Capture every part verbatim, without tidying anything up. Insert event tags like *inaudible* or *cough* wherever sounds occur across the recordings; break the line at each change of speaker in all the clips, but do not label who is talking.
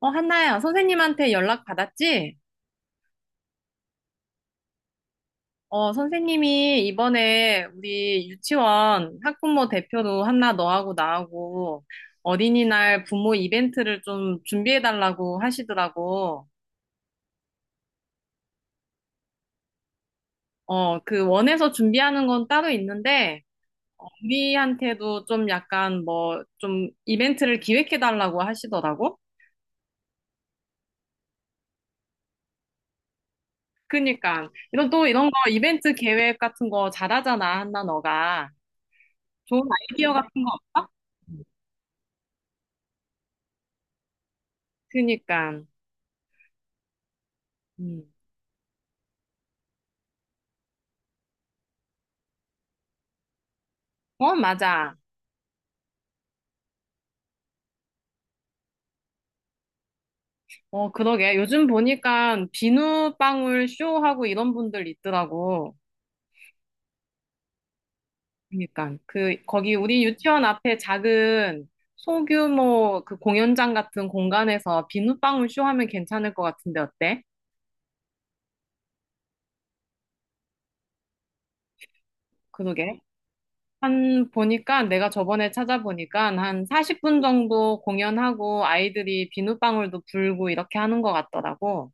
어, 한나야, 선생님한테 연락 받았지? 어, 선생님이 이번에 우리 유치원 학부모 대표로 한나 너하고 나하고 어린이날 부모 이벤트를 좀 준비해달라고 하시더라고. 어, 그 원에서 준비하는 건 따로 있는데, 어, 우리한테도 좀 약간 뭐 좀 이벤트를 기획해달라고 하시더라고. 그니까, 이런 또 이런 거 이벤트 계획 같은 거 잘하잖아, 한나 너가. 좋은 아이디어 같은 거 없어? 그니까. 음. 어, 맞아. 어, 그러게. 요즘 보니까 비누방울 쇼하고 이런 분들 있더라고. 그러니까 그 거기 우리 유치원 앞에 작은 소규모 그 공연장 같은 공간에서 비누방울 쇼 하면 괜찮을 것 같은데 어때? 그러게. 한 보니까 내가 저번에 찾아보니까 한 사십 분 정도 공연하고 아이들이 비누방울도 불고 이렇게 하는 것 같더라고.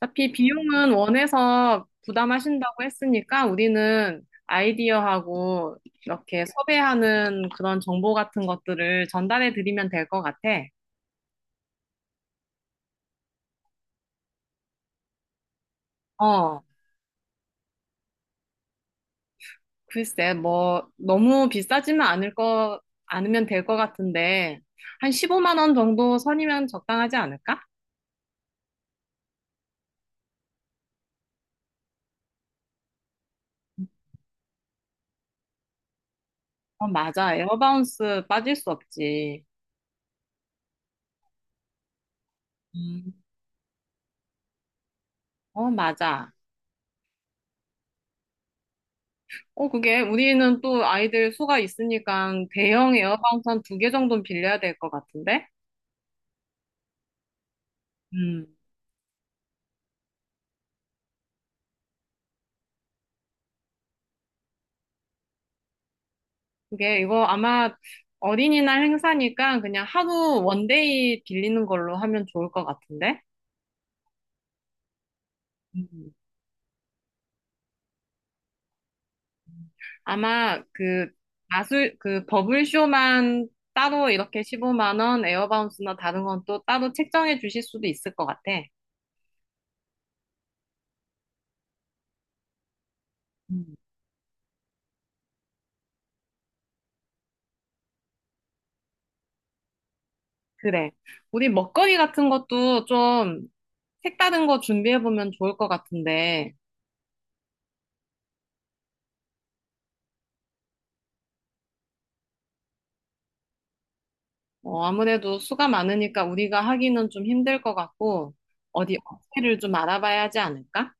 어차피 비용은 원해서 부담하신다고 했으니까 우리는 아이디어하고 이렇게 섭외하는 그런 정보 같은 것들을 전달해 드리면 될 것 같아. 어, 글쎄, 뭐, 너무 비싸지만 않을 거, 않으면 될 것 같은데, 한 15만 원 정도 선이면 적당하지 않을까? 어, 맞아. 에어바운스 빠질 수 없지. 음. 어, 맞아. 어, 그게 우리는 또 아이들 수가 있으니까 대형 에어컨 두 개 정도는 빌려야 될 것 같은데? 음. 그게 이거 아마 어린이날 행사니까 그냥 하루 원데이 빌리는 걸로 하면 좋을 것 같은데? 음. 아마 그 마술, 그 버블쇼만 따로 이렇게 15만 원, 에어바운스나 다른 건 또 따로 책정해 주실 수도 있을 것 같아. 그래. 우리 먹거리 같은 것도 좀 색다른 거 준비해보면 좋을 것 같은데, 어, 아무래도 수가 많으니까 우리가 하기는 좀 힘들 것 같고, 어디 업체를 좀 알아봐야 하지 않을까?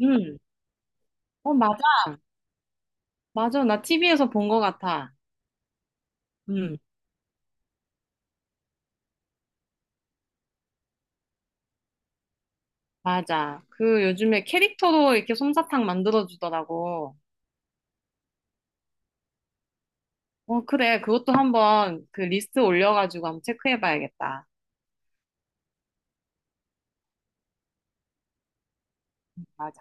음. 어, 맞아. 맞아. 나 티비에서 본 것 같아. 음. 맞아. 그 요즘에 캐릭터로 이렇게 솜사탕 만들어주더라고. 어, 그래. 그것도 한번 그 리스트 올려가지고 한번 체크해봐야겠다. 맞아.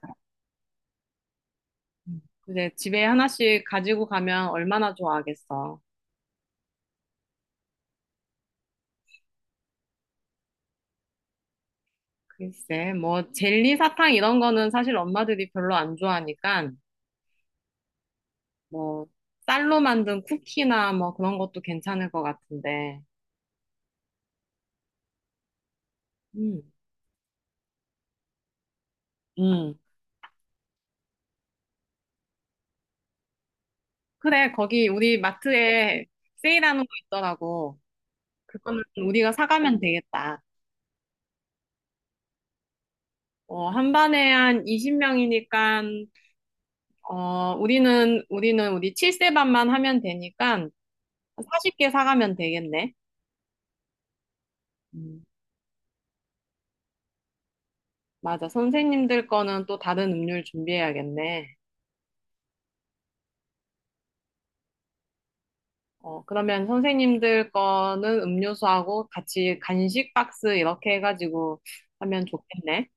음. 이제 집에 하나씩 가지고 가면 얼마나 좋아하겠어. 글쎄, 뭐, 젤리 사탕 이런 거는 사실 엄마들이 별로 안 좋아하니까, 뭐, 쌀로 만든 쿠키나 뭐 그런 것도 괜찮을 것 같은데. 음, 음. 그래, 거기 우리 마트에 세일하는 거 있더라고. 그거는 우리가 사가면 되겠다. 어, 한 반에 한 이십 명이니까, 어, 우리는, 우리는 우리 칠 세 반만 하면 되니까 사십 개 사가면 되겠네. 음, 맞아. 선생님들 거는 또 다른 음료를 준비해야겠네. 어, 그러면 선생님들 거는 음료수하고 같이 간식 박스 이렇게 해가지고 하면 좋겠네.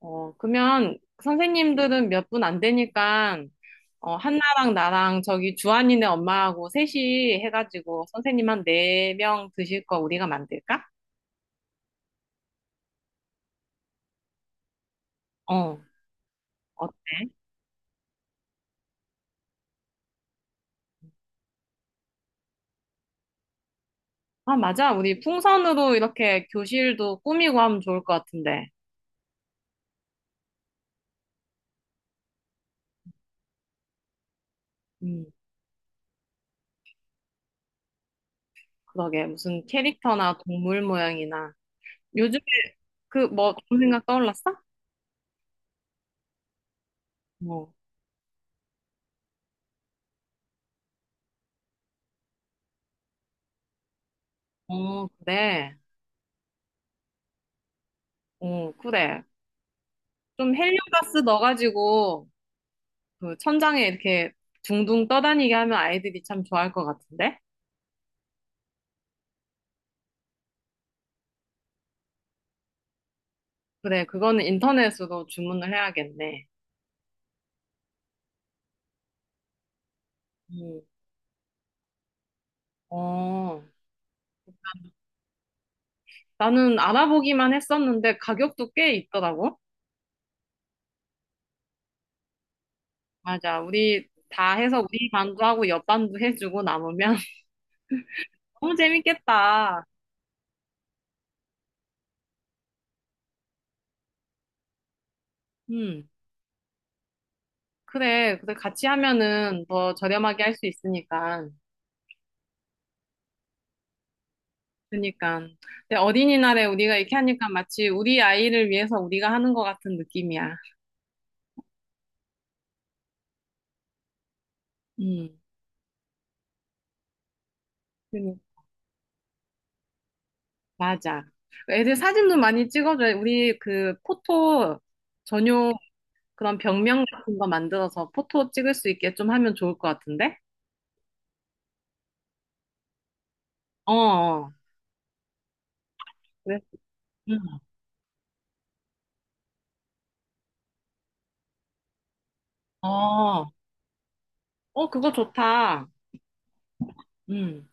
어, 그러면 선생님들은 몇 분 안 되니까, 어, 한나랑 나랑 저기 주한이네 엄마하고 셋이 해가지고 선생님 한 네 명 드실 거 우리가 만들까? 어, 어때? 아, 맞아. 우리 풍선으로 이렇게 교실도 꾸미고 하면 좋을 것 같은데. 음, 그러게. 무슨 캐릭터나 동물 모양이나. 요즘에 그 뭐 좋은 생각 떠올랐어? 어, 어, 그래. 어, 그래. 좀 헬륨가스 넣어가지고, 그 천장에 이렇게 둥둥 떠다니게 하면 아이들이 참 좋아할 것 같은데? 그래, 그거는 인터넷으로 주문을 해야겠네. 음, 어, 나는 알아보기만 했었는데 가격도 꽤 있더라고. 맞아. 우리 다 해서 우리 반도 하고 옆 반도 해주고 남으면 *laughs* 너무 재밌겠다. 음, 그래. 그래. 같이 하면은 더 저렴하게 할 수 있으니까. 그니까. 근데 어린이날에 우리가 이렇게 하니까 마치 우리 아이를 위해서 우리가 하는 것 같은 느낌이야. 음. 그니 맞아. 애들 사진도 많이 찍어줘요. 우리 그 포토 전용 그런 벽면 같은 거 만들어서 포토 찍을 수 있게 좀 하면 좋을 것 같은데? 어, 어. 그래. 음. 어. 어, 그거 좋다. 음.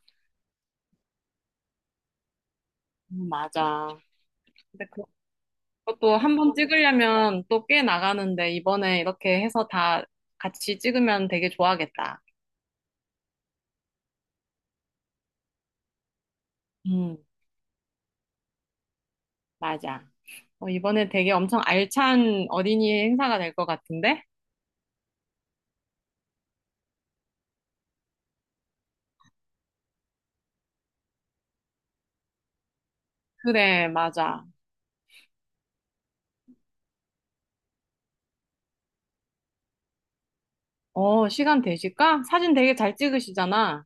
음, 맞아. 근데 그- 그것도 한번 찍으려면 또 꽤 나가는데 이번에 이렇게 해서 다 같이 찍으면 되게 좋아하겠다. 음. 맞아. 어, 이번에 되게 엄청 알찬 어린이 행사가 될 것 같은데? 그래, 맞아. 어, 시간 되실까? 사진 되게 잘 찍으시잖아.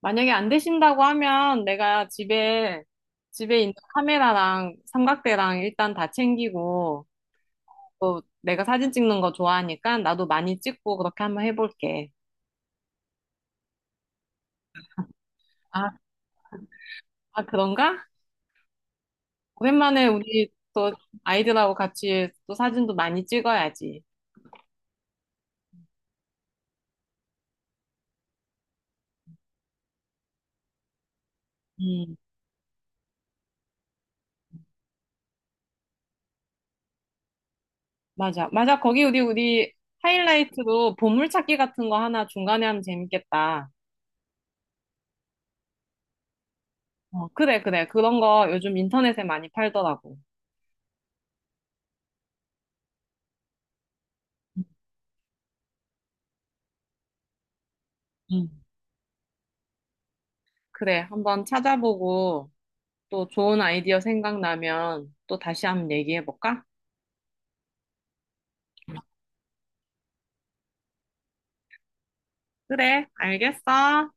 만약에 안 되신다고 하면 내가 집에, 집에 있는 카메라랑 삼각대랑 일단 다 챙기고, 또 내가 사진 찍는 거 좋아하니까 나도 많이 찍고 그렇게 한번 해볼게. 아, 아, 그런가? 오랜만에 우리 또 아이들하고 같이 또 사진도 많이 찍어야지. 음. 맞아. 맞아. 거기 우리, 우리 하이라이트로 보물찾기 같은 거 하나 중간에 하면 재밌겠다. 어, 그래, 그래. 그런 거 요즘 인터넷에 많이 팔더라고. 음. 그래. 한번 찾아보고 또 좋은 아이디어 생각나면 또 다시 한번 얘기해볼까? 그래. 알겠어.